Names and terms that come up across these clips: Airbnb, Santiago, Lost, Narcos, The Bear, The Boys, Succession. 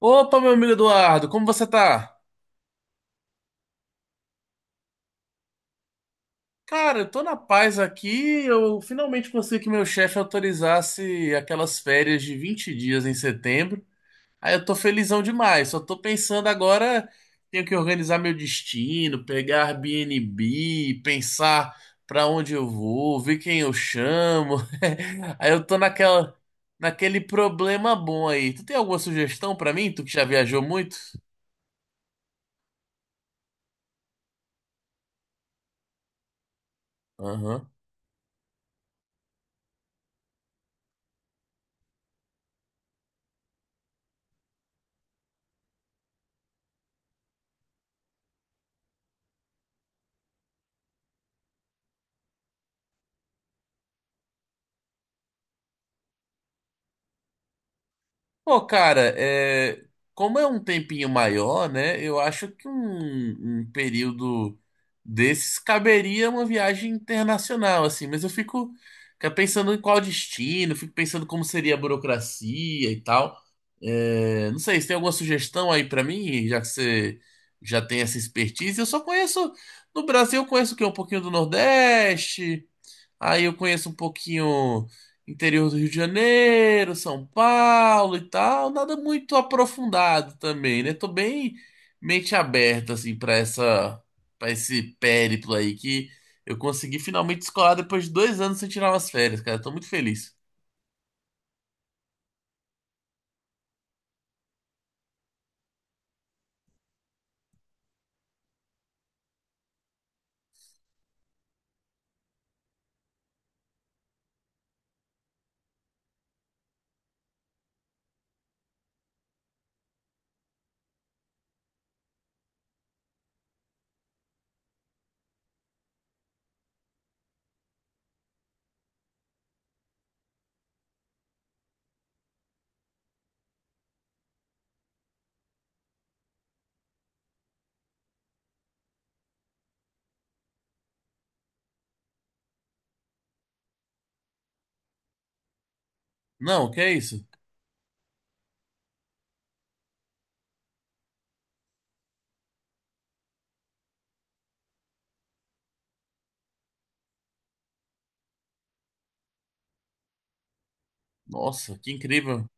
Opa, meu amigo Eduardo, como você tá? Cara, eu tô na paz aqui. Eu finalmente consegui que meu chefe autorizasse aquelas férias de 20 dias em setembro. Aí eu tô felizão demais. Só tô pensando agora, tenho que organizar meu destino, pegar Airbnb, pensar pra onde eu vou, ver quem eu chamo. Aí eu tô naquela, naquele problema bom aí. Tu tem alguma sugestão pra mim? Tu que já viajou muito? Aham. Pô, cara, é, como é um tempinho maior, né? Eu acho que um período desses caberia uma viagem internacional, assim, mas eu fico fica pensando em qual destino, fico pensando como seria a burocracia e tal. É, não sei, se tem alguma sugestão aí pra mim, já que você já tem essa expertise? Eu só conheço, no Brasil, eu conheço o quê? Um pouquinho do Nordeste, aí eu conheço um pouquinho interior do Rio de Janeiro, São Paulo e tal, nada muito aprofundado também, né? Tô bem mente aberta assim para esse périplo aí que eu consegui finalmente escolar depois de 2 anos sem tirar umas férias, cara. Tô muito feliz. Não, que é isso? Nossa, que incrível.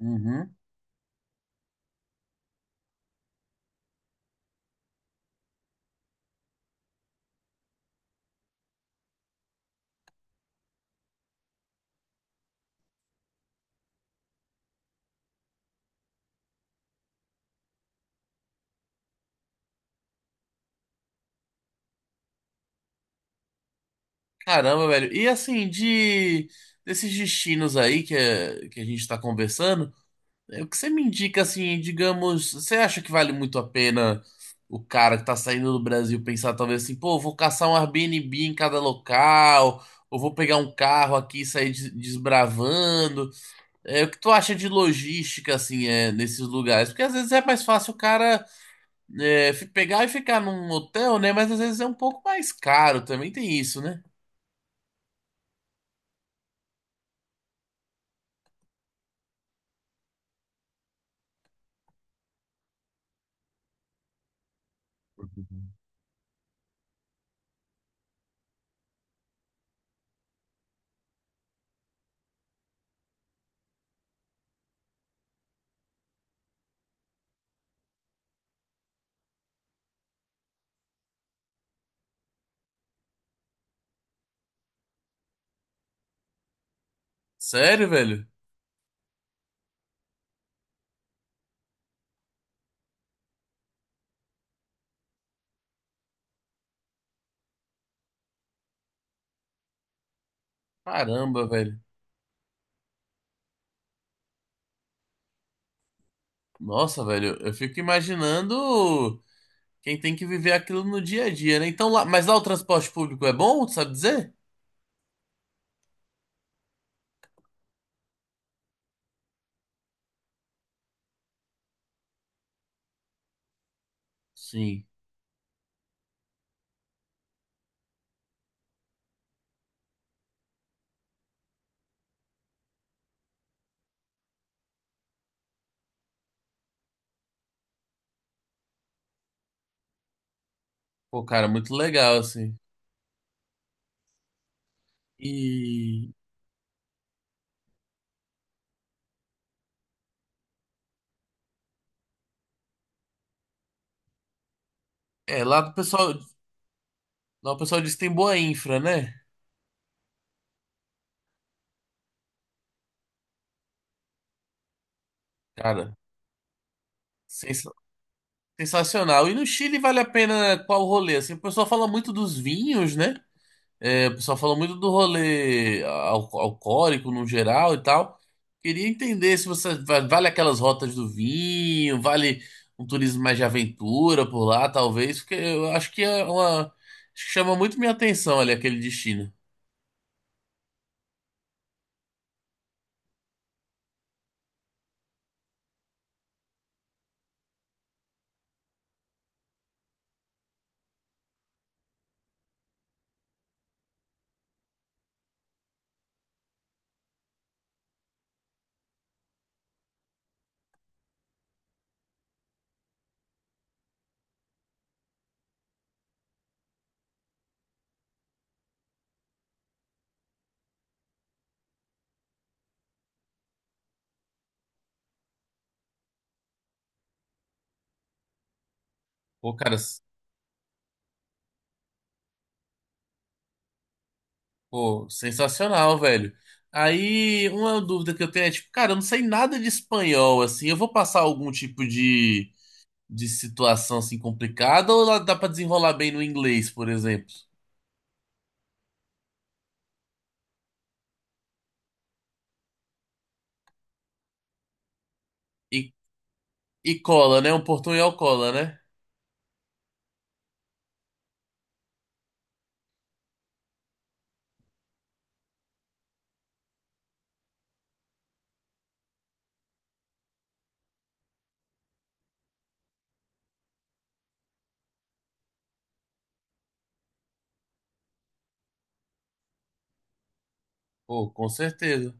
Uhum. Caramba, velho. E assim, de desses destinos aí que, que a gente tá conversando, é, o que você me indica, assim, digamos, você acha que vale muito a pena o cara que tá saindo do Brasil pensar, talvez assim, pô, vou caçar um Airbnb em cada local, ou vou pegar um carro aqui e sair des- desbravando? É, o que tu acha de logística, assim, é, nesses lugares? Porque às vezes é mais fácil o cara é, fi- pegar e ficar num hotel, né? Mas às vezes é um pouco mais caro, também tem isso, né? Sério, velho? Caramba, velho. Nossa, velho, eu fico imaginando. Quem tem que viver aquilo no dia a dia, né? Então, lá, mas lá o transporte público é bom, tu sabe dizer? Sim. Pô, cara, muito legal, assim. E é, lá o pessoal diz que tem boa infra, né? Cara, sensa- sensacional. E no Chile vale a pena qual rolê? Assim, o pessoal fala muito dos vinhos, né? É, o pessoal falou muito do rolê alcoólico no geral e tal. Queria entender se vale aquelas rotas do vinho, vale um turismo mais de aventura por lá, talvez, porque eu acho que é uma acho que chama muito minha atenção ali aquele destino. Pô, cara, s- pô, sensacional, velho. Aí uma dúvida que eu tenho é tipo, cara, eu não sei nada de espanhol, assim, eu vou passar algum tipo de situação assim complicada ou lá dá pra desenrolar bem no inglês, por exemplo? E E cola, né? Um portunhol cola, né? Pô, com certeza.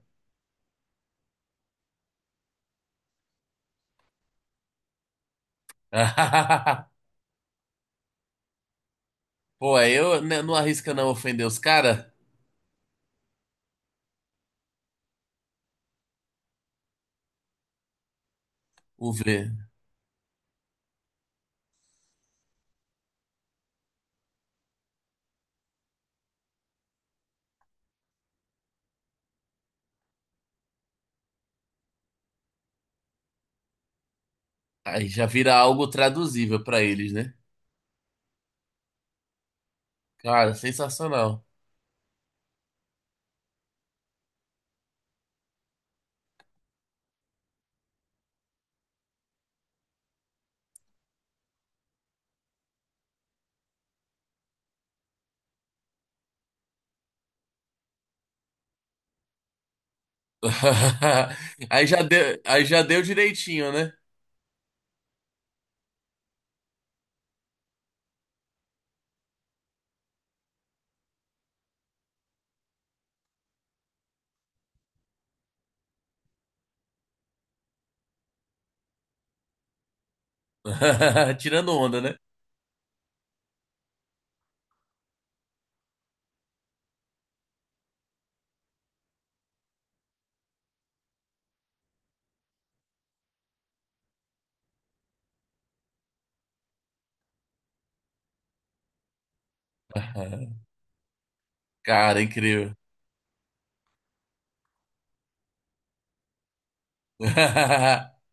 Pô, aí eu né, não arrisca não ofender os caras. O ver. Aí já vira algo traduzível pra eles, né? Cara, sensacional. Aí já deu direitinho, né? Tirando onda, né? Cara, incrível.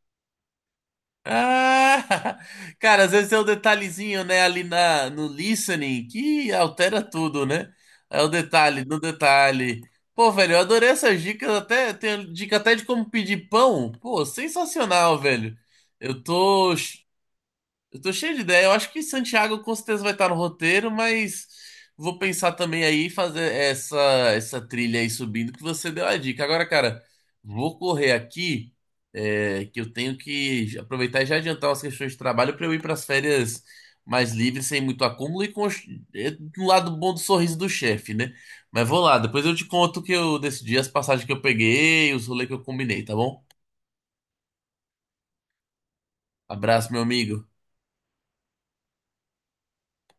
Ah, cara, às vezes é o detalhezinho, né, ali na, no listening que altera tudo, né? É o detalhe no detalhe. Pô, velho, eu adorei essas dicas, até tem dica até de como pedir pão. Pô, sensacional, velho. Eu tô ch- eu tô cheio de ideia. Eu acho que Santiago com certeza vai estar no roteiro, mas vou pensar também aí em fazer essa trilha aí subindo que você deu a dica. Agora, cara, vou correr aqui, é, que eu tenho que aproveitar e já adiantar umas questões de trabalho para eu ir para as férias mais livres, sem muito acúmulo e com os- é, um lado bom do sorriso do chefe, né? Mas vou lá, depois eu te conto o que eu decidi, as passagens que eu peguei, os rolês que eu combinei, tá bom? Abraço, meu amigo.